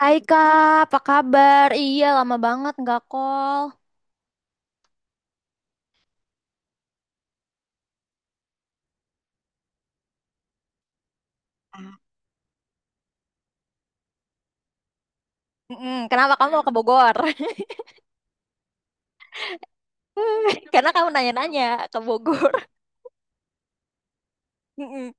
Hai Kak, apa kabar? Iya, lama banget nggak call. Mm-mm, Kenapa kamu mau ke Bogor? Karena kamu nanya-nanya ke Bogor. Mm-mm.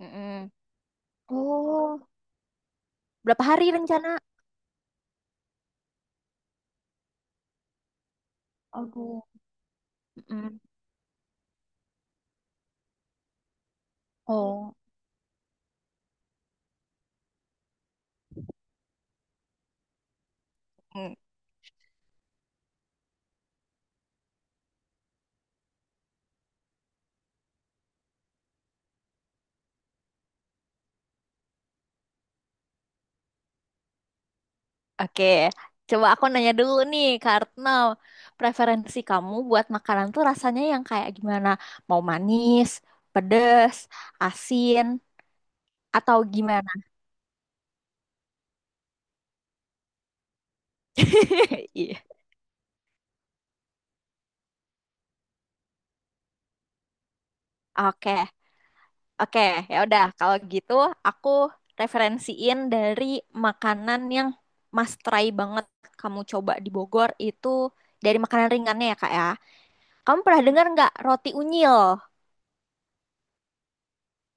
Mm-mm. Oh, berapa hari rencana? Aduh. Mm-mm. Oh, Mm. Oke, coba aku nanya dulu nih, karena preferensi kamu buat makanan tuh rasanya yang kayak gimana? Mau manis, pedes, asin, atau gimana? Iya. Oke, oke, ya udah. Kalau gitu, aku referensiin dari makanan yang must try banget kamu coba di Bogor itu dari makanan ringannya ya, Kak ya. Kamu pernah dengar nggak roti unyil?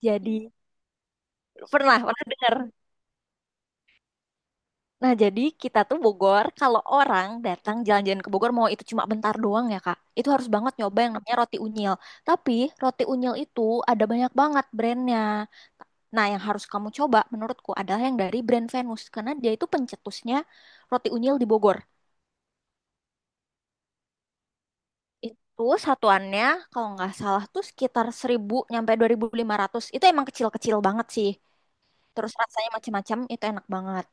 Jadi pernah, pernah dengar. Nah, jadi kita tuh Bogor, kalau orang datang jalan-jalan ke Bogor, mau itu cuma bentar doang ya, Kak. Itu harus banget nyoba yang namanya roti unyil. Tapi roti unyil itu ada banyak banget brandnya. Nah, yang harus kamu coba menurutku adalah yang dari brand Venus. Karena dia itu pencetusnya roti unyil di Bogor. Itu satuannya kalau nggak salah tuh sekitar 1.000 nyampe 2.500. Itu emang kecil-kecil banget sih. Terus rasanya macam-macam itu enak banget.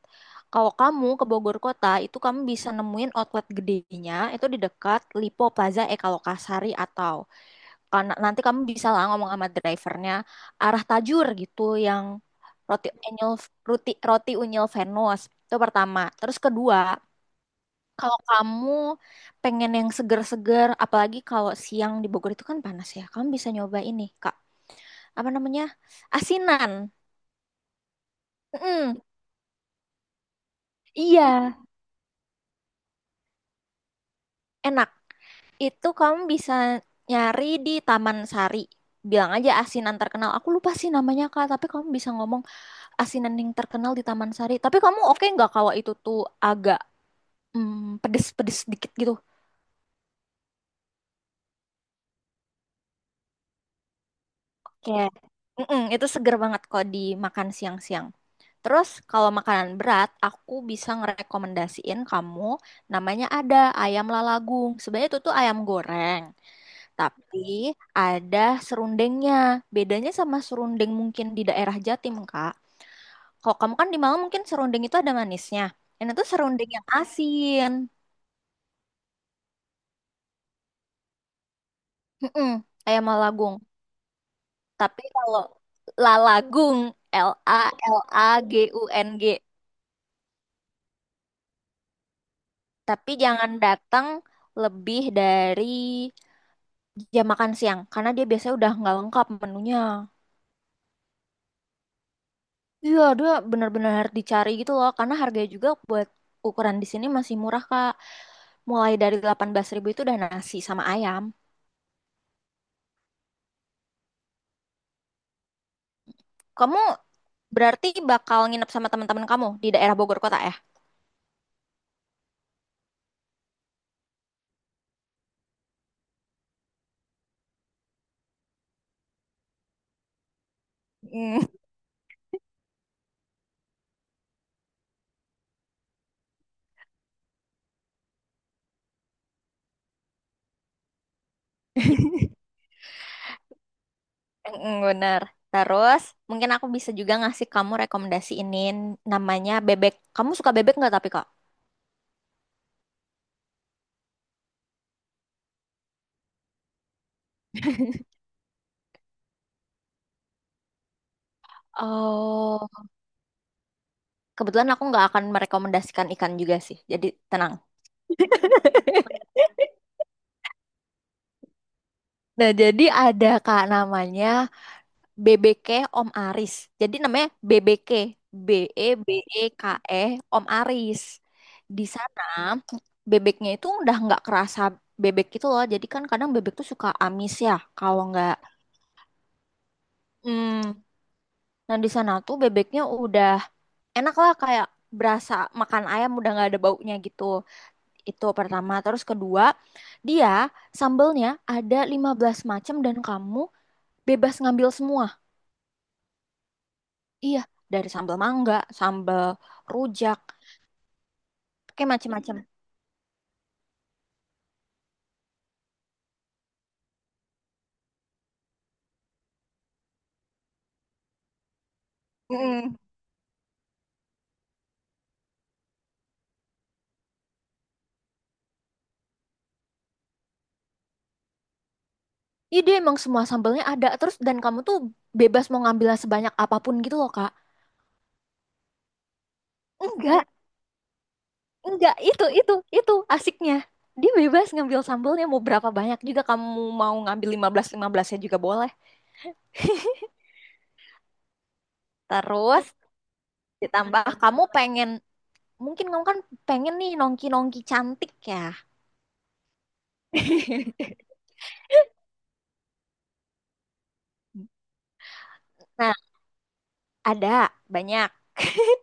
Kalau kamu ke Bogor kota itu kamu bisa nemuin outlet gedenya itu di dekat Lipo Plaza Eka Lokasari atau karena nanti kamu bisa lah ngomong sama drivernya arah Tajur gitu yang roti unyil roti unyil Venus itu pertama. Terus kedua kalau kamu pengen yang seger-seger, apalagi kalau siang di Bogor itu kan panas ya, kamu bisa nyoba ini, Kak. Apa namanya? Asinan. Mm, iya, enak. Itu kamu bisa nyari di Taman Sari. Bilang aja asinan terkenal. Aku lupa sih namanya Kak, tapi kamu bisa ngomong asinan yang terkenal di Taman Sari. Tapi kamu oke nggak kalau itu tuh agak pedes-pedes dikit gitu? Kayak, Mm-mm, itu seger banget kalau dimakan siang-siang. Terus kalau makanan berat, aku bisa ngerekomendasiin kamu namanya ada ayam lalagung. Sebenarnya itu tuh ayam goreng. Tapi ada serundengnya. Bedanya sama serundeng mungkin di daerah Jatim, Kak. Kalau kamu kan di Malang mungkin serundeng itu ada manisnya. Ini tuh serundeng yang asin. Mm-mm, ayam Malagung. Tapi kalau lalagung, L A L A G U N G. Tapi jangan datang lebih dari jam makan siang karena dia biasanya udah nggak lengkap menunya. Iya, dia bener-bener harus dicari gitu loh karena harganya juga buat ukuran di sini masih murah, Kak. Mulai dari 18 ribu itu udah nasi sama ayam. Kamu berarti bakal nginep sama teman-teman kamu di daerah Bogor kota ya? Mm, Bener. Terus mungkin aku bisa juga ngasih kamu rekomendasi ini namanya bebek. Kamu suka bebek nggak tapi kok? Oh, kebetulan aku nggak akan merekomendasikan ikan juga sih. Jadi tenang. Nah, jadi ada Kak namanya BBK Om Aris. Jadi namanya BBK, B K, B E B E K E Om Aris. Di sana bebeknya itu udah nggak kerasa bebek itu loh. Jadi kan kadang bebek tuh suka amis ya, kalau nggak. Hmm, nah di sana tuh bebeknya udah enak lah kayak berasa makan ayam udah nggak ada baunya gitu. Itu pertama. Terus kedua, dia sambelnya ada 15 macam dan kamu bebas ngambil semua. Iya, dari sambal mangga, sambal rujak, kayak macam-macam. Mm-mm. Iya, dia emang semua sambelnya ada terus dan kamu tuh bebas mau ngambil sebanyak apapun gitu loh, Kak. Enggak, enggak, itu asiknya. Dia bebas ngambil sambelnya mau berapa banyak juga kamu mau ngambil 15 15-nya-nya juga boleh. Terus ditambah kamu pengen mungkin kamu kan pengen nih nongki-nongki cantik ya. Nah, ada banyak.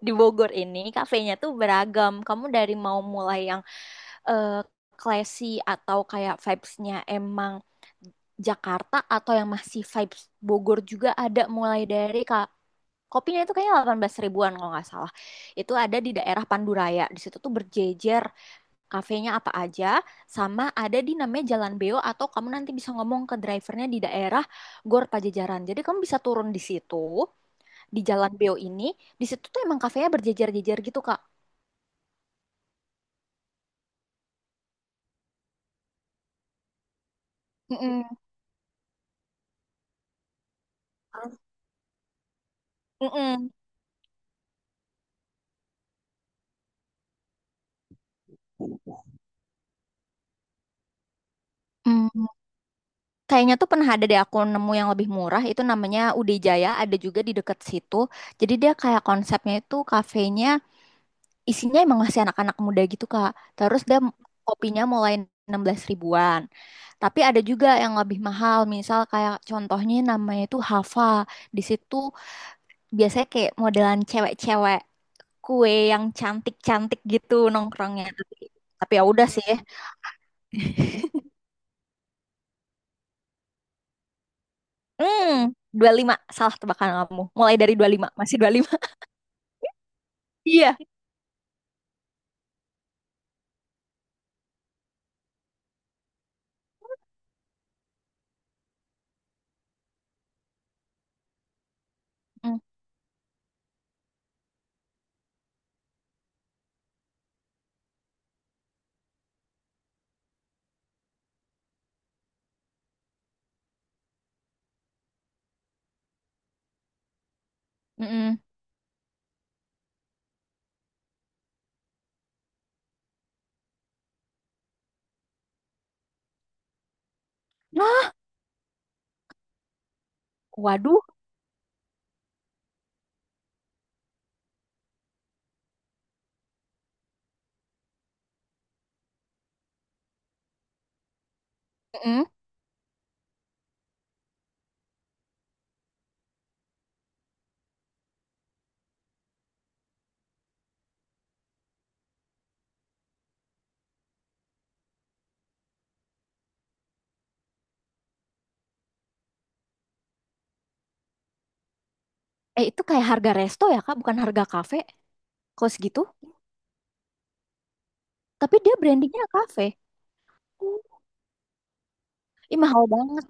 Di Bogor ini kafenya tuh beragam. Kamu dari mau mulai yang eh classy atau kayak vibes-nya emang Jakarta atau yang masih vibes Bogor juga ada mulai dari kak kopinya itu kayaknya 18 ribuan kalau nggak salah itu ada di daerah Panduraya di situ tuh berjejer kafenya apa aja sama ada di namanya Jalan Beo atau kamu nanti bisa ngomong ke drivernya di daerah Gor Pajajaran jadi kamu bisa turun di situ di Jalan Beo ini di situ tuh emang kafenya berjejer-jejer gitu kak. Mm-mm. Mm-mm. Kayaknya tuh pernah ada deh aku nemu yang lebih murah itu namanya Ude Jaya ada juga di dekat situ. Jadi dia kayak konsepnya itu kafenya isinya emang masih anak-anak muda gitu Kak. Terus dia kopinya mulai 16 ribuan. Tapi ada juga yang lebih mahal misal kayak contohnya namanya itu Hava. Di situ biasanya kayak modelan cewek-cewek kue yang cantik-cantik gitu nongkrongnya. Tapi, ya udah sih. Hmm, 25 salah tebakan kamu. Mulai dari dua puluh lima, masih dua puluh lima. Iya. Mm, mm-mm. Nah, waduh. Mm-mm. Eh, itu kayak harga resto ya, Kak? Bukan harga kafe. Kos gitu. Tapi dia brandingnya kafe. Oh, Ih, mahal banget.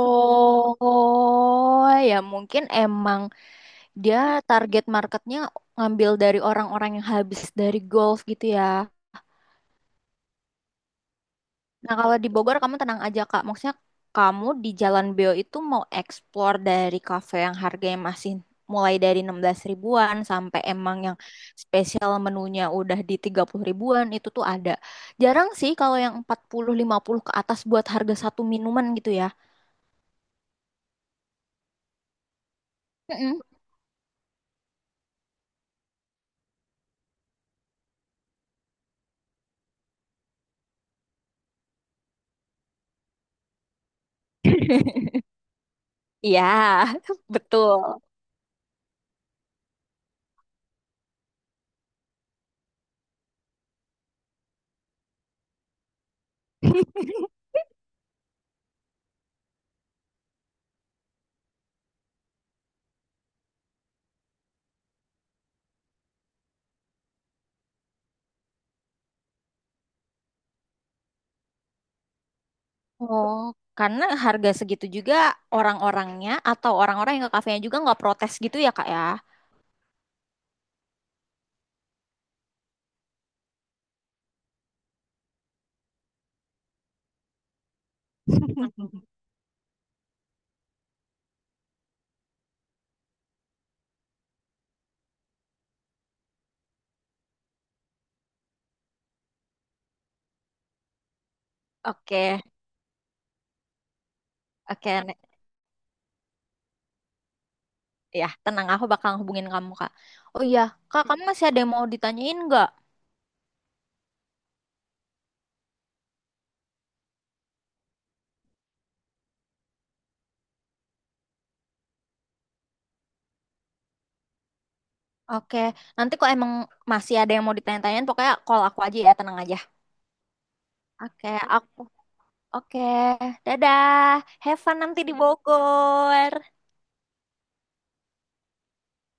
Oh, ya mungkin emang dia target marketnya ngambil dari orang-orang yang habis dari golf gitu ya. Nah, kalau di Bogor kamu tenang aja, Kak. Maksudnya kamu di Jalan Beo itu mau explore dari kafe yang harganya masih mulai dari 16 ribuan sampai emang yang spesial menunya udah di 30 ribuan itu tuh ada. Jarang sih kalau yang 40 50 ke atas buat harga satu minuman gitu ya. Mm-mm. Iya, betul. Oh, karena harga segitu juga orang-orangnya atau orang-orang yang ke kafenya juga nggak protes gitu ya, Kak ya? Oke, oke. Ya, tenang, aku bakal hubungin kamu, Kak. Oh iya, Kak, kamu masih ada yang mau ditanyain nggak? Oke, nanti kok emang masih ada yang mau ditanya-tanyain, pokoknya call aku aja ya, tenang aja. Oke, aku. Oke, dadah. Have fun nanti di Bogor.